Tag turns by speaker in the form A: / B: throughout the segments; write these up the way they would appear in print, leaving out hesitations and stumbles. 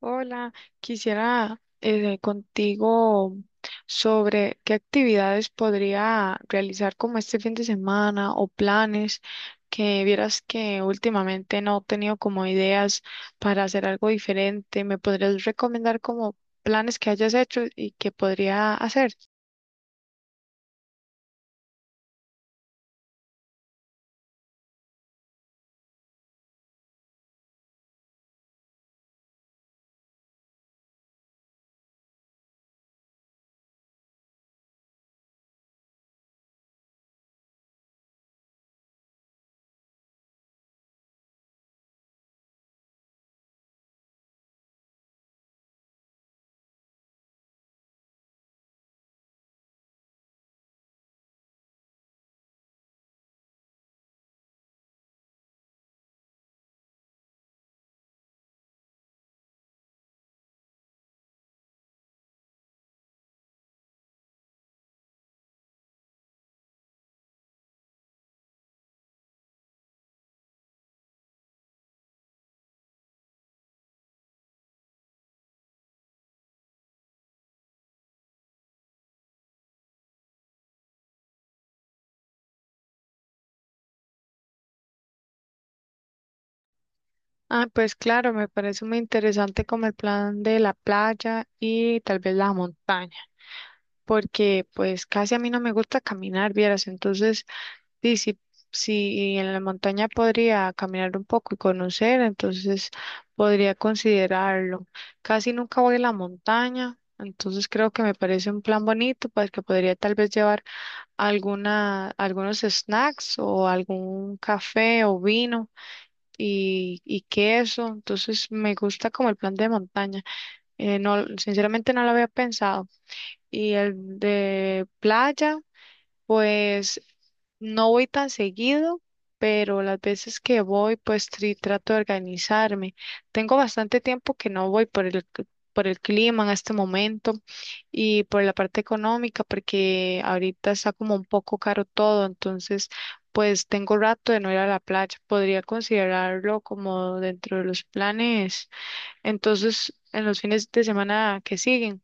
A: Hola, quisiera contigo sobre qué actividades podría realizar como este fin de semana o planes que vieras que últimamente no he tenido como ideas para hacer algo diferente. ¿Me podrías recomendar como planes que hayas hecho y que podría hacer? Ah, pues claro, me parece muy interesante como el plan de la playa y tal vez la montaña, porque pues casi a mí no me gusta caminar, vieras, entonces sí, sí, sí, en la montaña podría caminar un poco y conocer, entonces podría considerarlo. Casi nunca voy a la montaña, entonces creo que me parece un plan bonito, pues que podría tal vez llevar alguna, algunos snacks o algún café o vino y queso, entonces me gusta como el plan de montaña. No, sinceramente no lo había pensado. Y el de playa. Pues no voy tan seguido, pero las veces que voy, pues trato de organizarme. Tengo bastante tiempo que no voy por por el clima en este momento y por la parte económica, porque ahorita está como un poco caro todo, entonces pues tengo rato de no ir a la playa. Podría considerarlo como dentro de los planes. Entonces, en los fines de semana que siguen.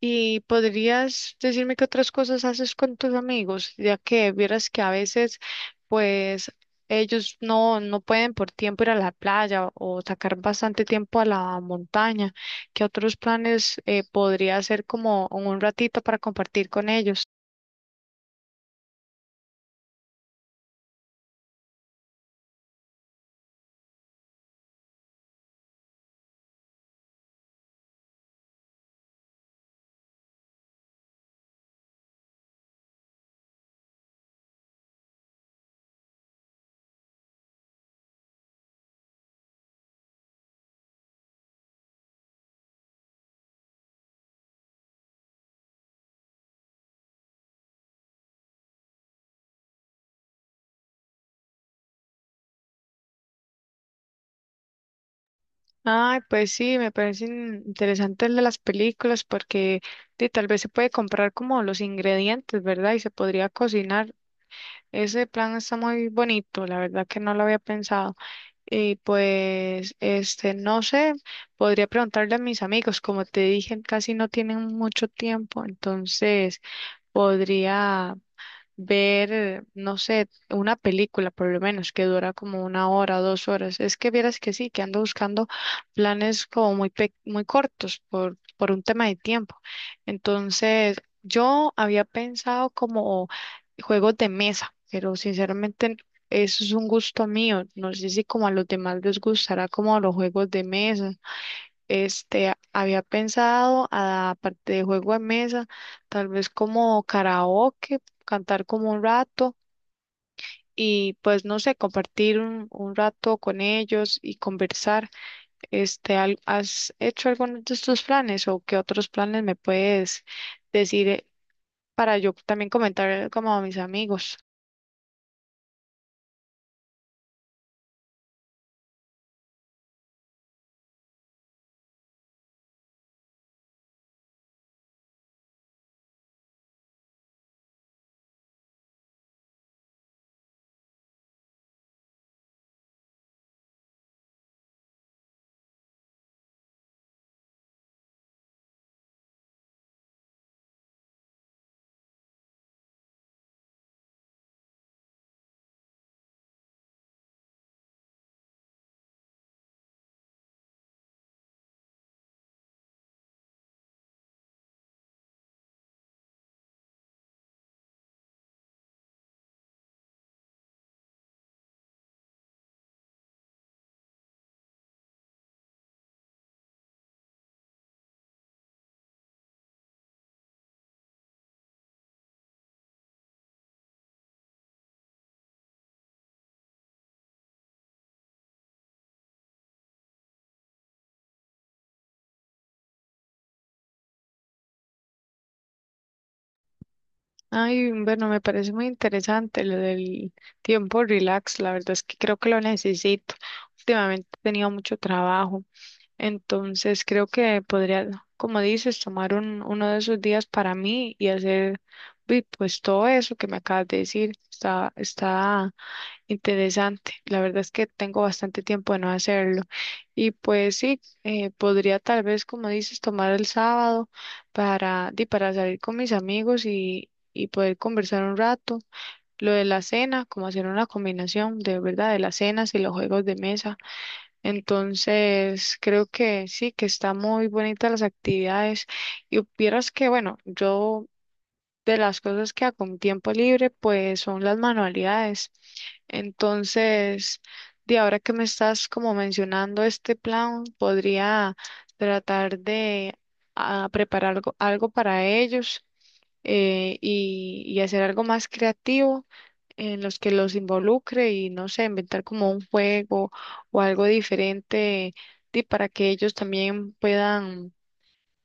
A: ¿Y podrías decirme qué otras cosas haces con tus amigos? Ya que vieras que a veces, pues, ellos no pueden por tiempo ir a la playa o sacar bastante tiempo a la montaña. ¿Qué otros planes podría hacer como en un ratito para compartir con ellos? Ay, pues sí, me parecen interesantes el de las películas porque sí, tal vez se puede comprar como los ingredientes, ¿verdad? Y se podría cocinar. Ese plan está muy bonito, la verdad que no lo había pensado. Y pues, este, no sé, podría preguntarle a mis amigos, como te dije, casi no tienen mucho tiempo, entonces podría ver, no sé, una película por lo menos que dura como una hora, dos horas. Es que vieras que sí, que ando buscando planes como muy, muy cortos por un tema de tiempo. Entonces, yo había pensado como juegos de mesa, pero sinceramente eso es un gusto mío. No sé si como a los demás les gustará como los juegos de mesa. Este, había pensado, aparte de juego de mesa, tal vez como karaoke, cantar como un rato y pues no sé, compartir un rato con ellos y conversar. Este, ¿has hecho algunos de estos planes o qué otros planes me puedes decir para yo también comentar como a mis amigos? Ay, bueno, me parece muy interesante lo del tiempo relax, la verdad es que creo que lo necesito. Últimamente he tenido mucho trabajo. Entonces creo que podría, como dices, tomar uno de esos días para mí y hacer pues todo eso que me acabas de decir. Está interesante. La verdad es que tengo bastante tiempo de no hacerlo. Y pues sí, podría tal vez, como dices, tomar el sábado para, para salir con mis amigos y poder conversar un rato. Lo de la cena, como hacer una combinación de verdad de la cena y los juegos de mesa. Entonces, creo que sí, que está muy bonita las actividades. Y vieras que, bueno, yo de las cosas que hago en tiempo libre, pues son las manualidades. Entonces, de ahora que me estás como mencionando este plan, podría tratar de ah, preparar algo, algo para ellos y hacer algo más creativo en los que los involucre y no sé, inventar como un juego o algo diferente para que ellos también puedan,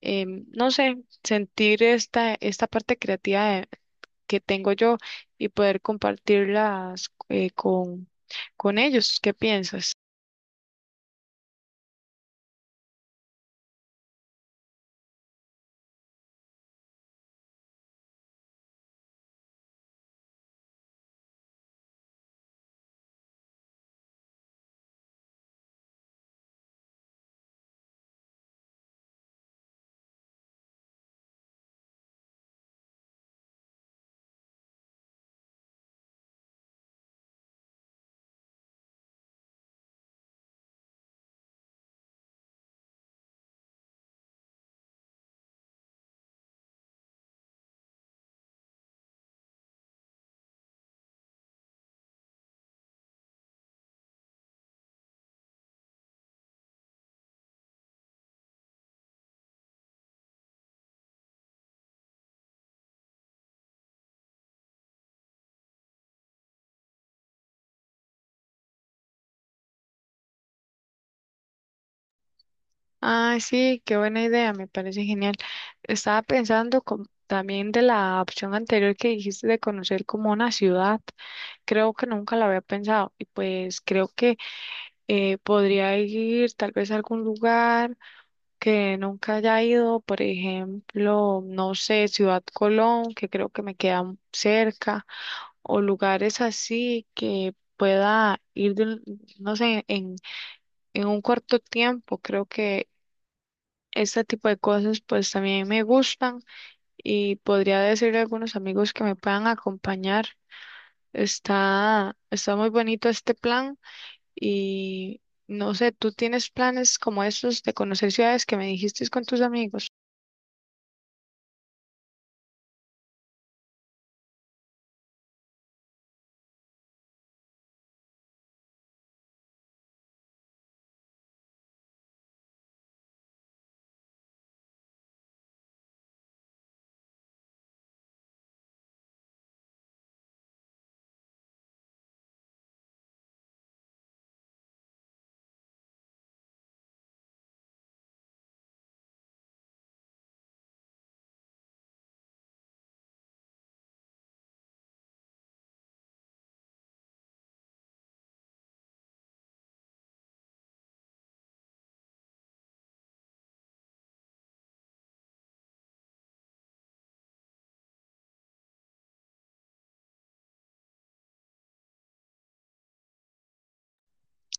A: no sé, sentir esta parte creativa de- que tengo yo y poder compartirlas con ellos. ¿Qué piensas? Ah, sí, qué buena idea, me parece genial. Estaba pensando también de la opción anterior que dijiste de conocer como una ciudad. Creo que nunca la había pensado y pues creo que podría ir tal vez a algún lugar que nunca haya ido, por ejemplo, no sé, Ciudad Colón, que creo que me queda cerca, o lugares así que pueda ir, no sé, en un corto tiempo. Creo que este tipo de cosas pues también me gustan y podría decirle a algunos amigos que me puedan acompañar. Está muy bonito este plan. Y no sé, ¿tú tienes planes como estos de conocer ciudades que me dijiste con tus amigos?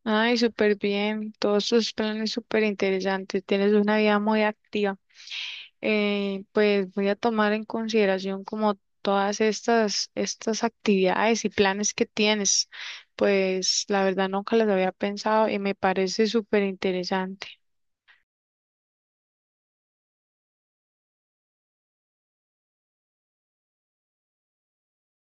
A: Ay, súper bien, todos tus planes súper interesantes, tienes una vida muy activa. Pues voy a tomar en consideración como estas actividades y planes que tienes. Pues la verdad nunca las había pensado y me parece súper interesante.